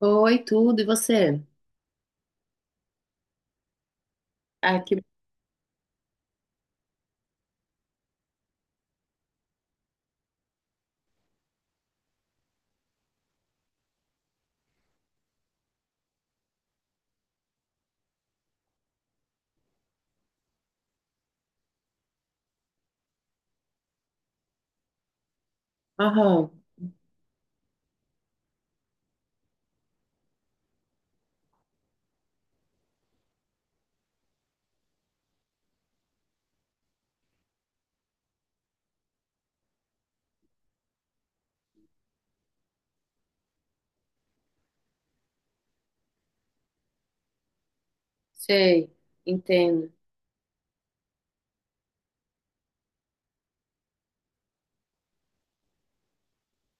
Oi, tudo, e você? Ah, que... Aham. Sei, entendo.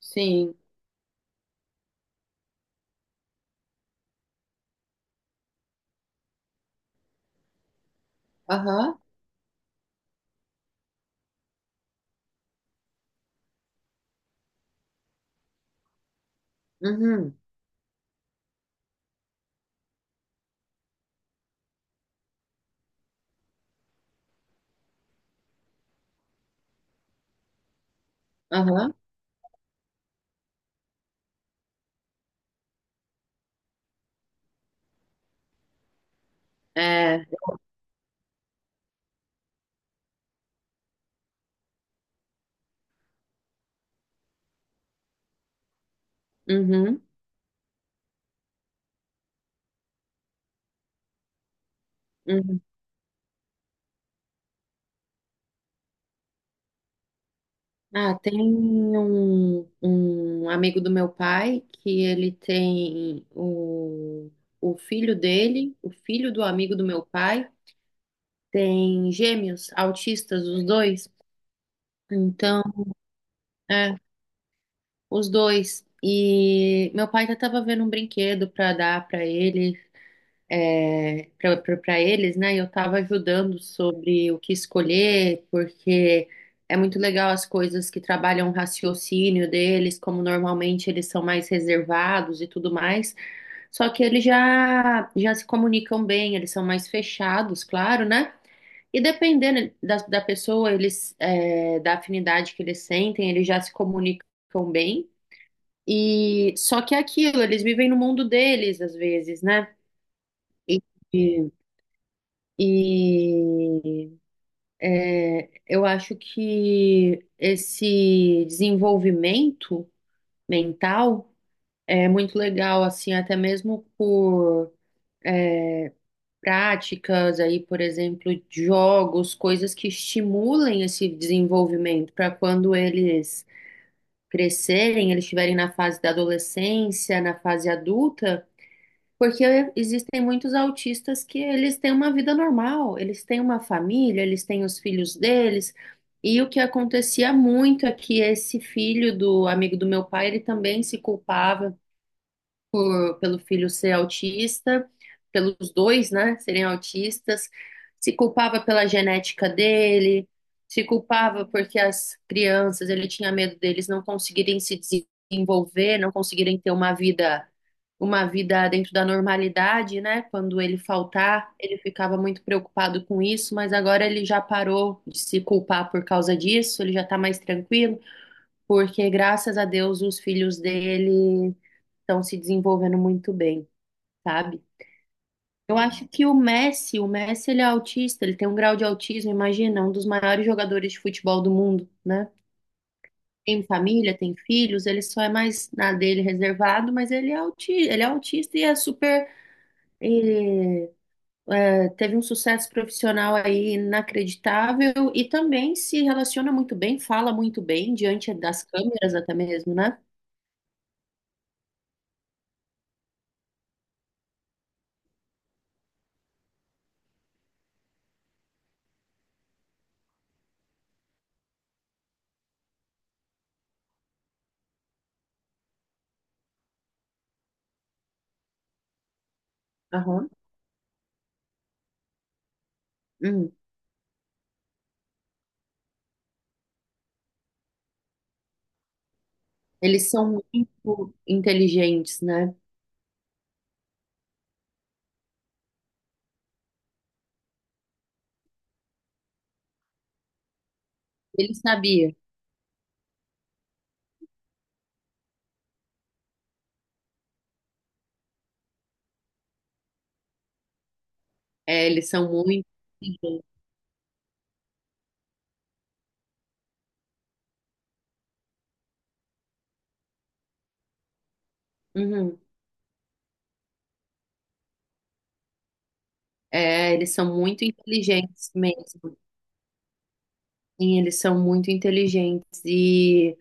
Sim. Aham. Uhum. Aham. É. Uhum. Uhum. Ah, tem um amigo do meu pai que ele tem o filho dele, o filho do amigo do meu pai, tem gêmeos, autistas, os dois. Então, é, os dois. E meu pai já tava vendo um brinquedo para dar para ele, para eles, né? E eu estava ajudando sobre o que escolher, porque é muito legal as coisas que trabalham o raciocínio deles, como normalmente eles são mais reservados e tudo mais. Só que eles já, já se comunicam bem, eles são mais fechados, claro, né? E dependendo da pessoa, eles, é, da afinidade que eles sentem, eles já se comunicam bem. E só que é aquilo, eles vivem no mundo deles às vezes, né? E e é, eu acho que esse desenvolvimento mental é muito legal, assim, até mesmo por práticas aí, por exemplo, de jogos, coisas que estimulem esse desenvolvimento para quando eles crescerem, eles estiverem na fase da adolescência, na fase adulta. Porque existem muitos autistas que eles têm uma vida normal, eles têm uma família, eles têm os filhos deles. E o que acontecia muito é que esse filho do amigo do meu pai, ele também se culpava pelo filho ser autista, pelos dois, né, serem autistas, se culpava pela genética dele, se culpava porque as crianças, ele tinha medo deles não conseguirem se desenvolver, não conseguirem ter uma vida dentro da normalidade, né? Quando ele faltar, ele ficava muito preocupado com isso, mas agora ele já parou de se culpar por causa disso, ele já está mais tranquilo porque graças a Deus os filhos dele estão se desenvolvendo muito bem, sabe? Eu acho que o Messi ele é autista, ele tem um grau de autismo, imagina, um dos maiores jogadores de futebol do mundo, né? Tem família, tem filhos, ele só é mais na dele reservado, mas ele é autista e é super, teve um sucesso profissional aí inacreditável e também se relaciona muito bem, fala muito bem diante das câmeras até mesmo, né? Aham. Hum. Eles são muito inteligentes, né? Ele sabia. É, eles são muito inteligentes. Uhum. É, eles são muito inteligentes mesmo. Sim, eles são muito inteligentes. E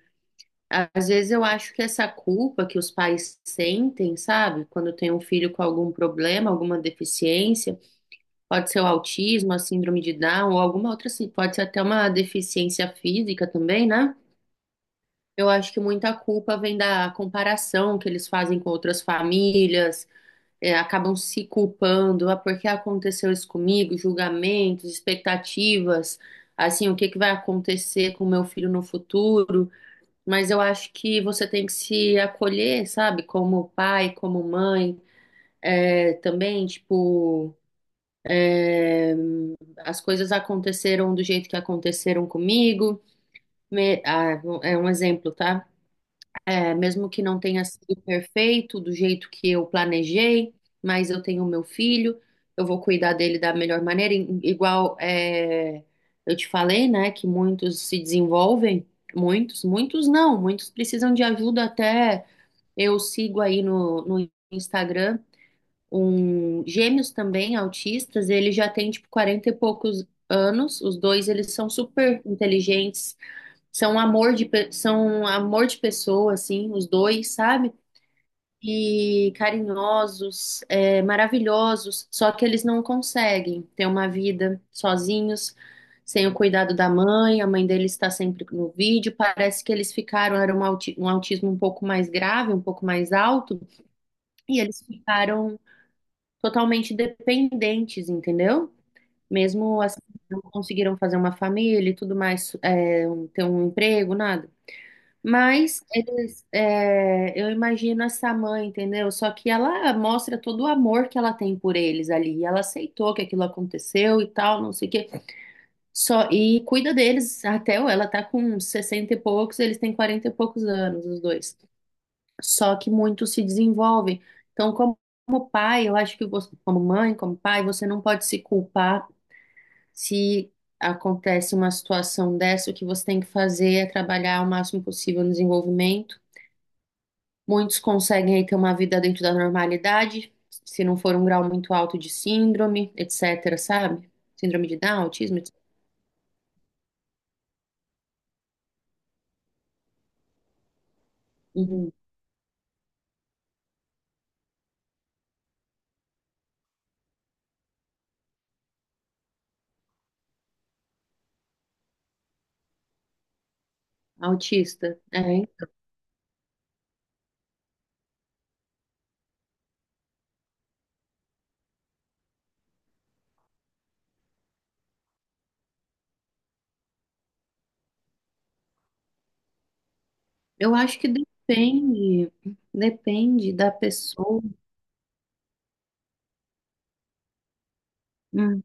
às vezes eu acho que essa culpa que os pais sentem, sabe? Quando tem um filho com algum problema, alguma deficiência, pode ser o autismo, a síndrome de Down, ou alguma outra, assim, pode ser até uma deficiência física também, né? Eu acho que muita culpa vem da comparação que eles fazem com outras famílias, é, acabam se culpando, ah, por que aconteceu isso comigo? Julgamentos, expectativas, assim, o que que vai acontecer com o meu filho no futuro? Mas eu acho que você tem que se acolher, sabe? Como pai, como mãe, é, também, tipo, as coisas aconteceram do jeito que aconteceram comigo. Ah, é um exemplo, tá? É, mesmo que não tenha sido perfeito do jeito que eu planejei, mas eu tenho meu filho, eu vou cuidar dele da melhor maneira. Igual é, eu te falei, né, que muitos se desenvolvem, muitos, muitos não, muitos precisam de ajuda até. Eu sigo aí no Instagram um gêmeos também, autistas, ele já tem tipo 40 e poucos anos, os dois eles são super inteligentes, são amor de, são amor de pessoa, assim, os dois, sabe? E carinhosos, é, maravilhosos, só que eles não conseguem ter uma vida sozinhos, sem o cuidado da mãe, a mãe deles está sempre no vídeo, parece que eles ficaram, era um, um autismo um pouco mais grave, um pouco mais alto, e eles ficaram totalmente dependentes, entendeu? Mesmo assim, não conseguiram fazer uma família e tudo mais, é, ter um emprego, nada. Mas eles, é, eu imagino essa mãe, entendeu? Só que ela mostra todo o amor que ela tem por eles ali. E ela aceitou que aquilo aconteceu e tal, não sei o quê. Só, e cuida deles até ela tá com 60 e poucos, eles têm 40 e poucos anos, os dois. Só que muitos se desenvolvem. Então, como, como pai, eu acho que você, como mãe, como pai, você não pode se culpar se acontece uma situação dessa. O que você tem que fazer é trabalhar o máximo possível no desenvolvimento. Muitos conseguem aí ter uma vida dentro da normalidade, se não for um grau muito alto de síndrome, etc, sabe? Síndrome de Down, autismo, etc. Uhum. Autista. É. Eu acho que depende da pessoa. Hum.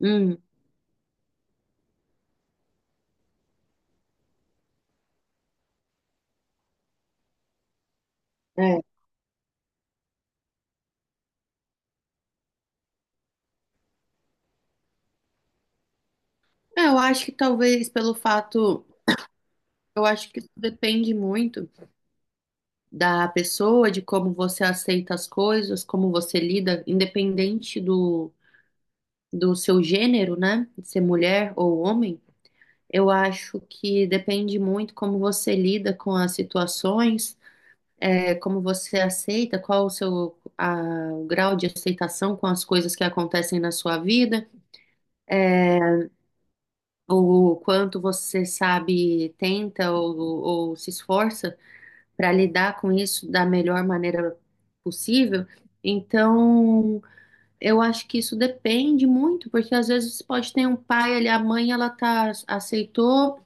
Hum. É. É, eu acho que talvez pelo fato, eu acho que isso depende muito da pessoa, de como você aceita as coisas, como você lida, independente do seu gênero, né? De ser mulher ou homem. Eu acho que depende muito como você lida com as situações, é, como você aceita, qual o grau de aceitação com as coisas que acontecem na sua vida, é, o quanto você sabe, tenta ou se esforça para lidar com isso da melhor maneira possível. Então, eu acho que isso depende muito, porque às vezes pode ter um pai ali, a mãe ela tá aceitou.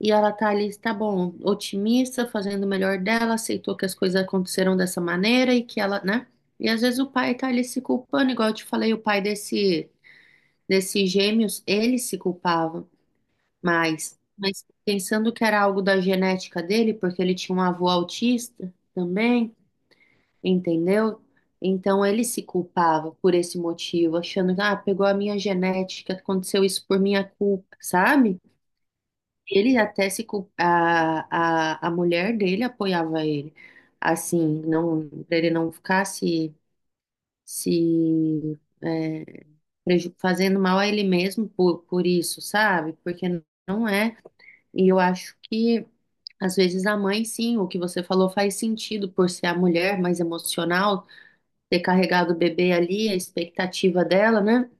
E ela tá ali, tá bom, otimista, fazendo o melhor dela, aceitou que as coisas aconteceram dessa maneira e que ela, né? E às vezes o pai tá ali se culpando, igual eu te falei, o pai desse, desses gêmeos, ele se culpava mais. Mas pensando que era algo da genética dele, porque ele tinha um avô autista também, entendeu? Então ele se culpava por esse motivo, achando que, ah, pegou a minha genética, aconteceu isso por minha culpa, sabe? Ele até se a mulher dele apoiava ele, assim, não para ele não ficar se, se é, fazendo mal a ele mesmo por isso, sabe? Porque não é. E eu acho que às vezes a mãe, sim, o que você falou faz sentido por ser a mulher mais emocional, ter carregado o bebê ali, a expectativa dela, né?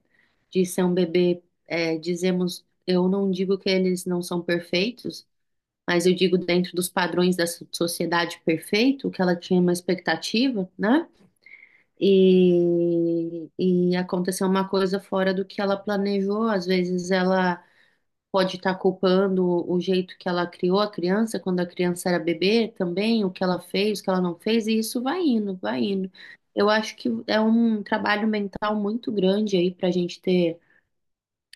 De ser um bebê, é, dizemos, eu não digo que eles não são perfeitos, mas eu digo dentro dos padrões da sociedade perfeito, que ela tinha uma expectativa, né? E aconteceu uma coisa fora do que ela planejou. Às vezes ela pode estar culpando o jeito que ela criou a criança, quando a criança era bebê também, o que ela fez, o que ela não fez, e isso vai indo, vai indo. Eu acho que é um trabalho mental muito grande aí para a gente ter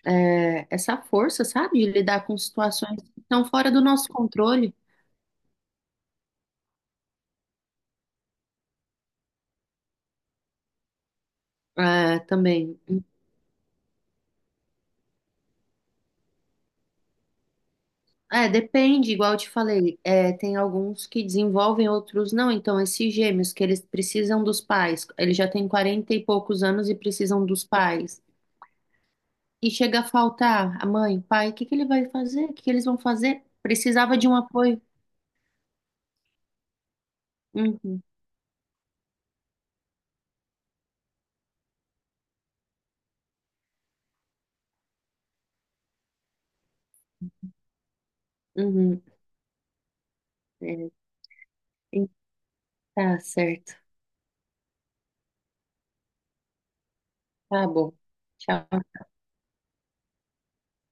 é, essa força, sabe, de lidar com situações que estão fora do nosso controle. É, também. É, depende, igual eu te falei, é, tem alguns que desenvolvem, outros não. Então, esses gêmeos que eles precisam dos pais, eles já têm 40 e poucos anos e precisam dos pais. E chega a faltar a mãe, o pai, o que que ele vai fazer? O que que eles vão fazer? Precisava de um apoio. Uhum. Uhum. É, tá certo. Tá bom. Tchau.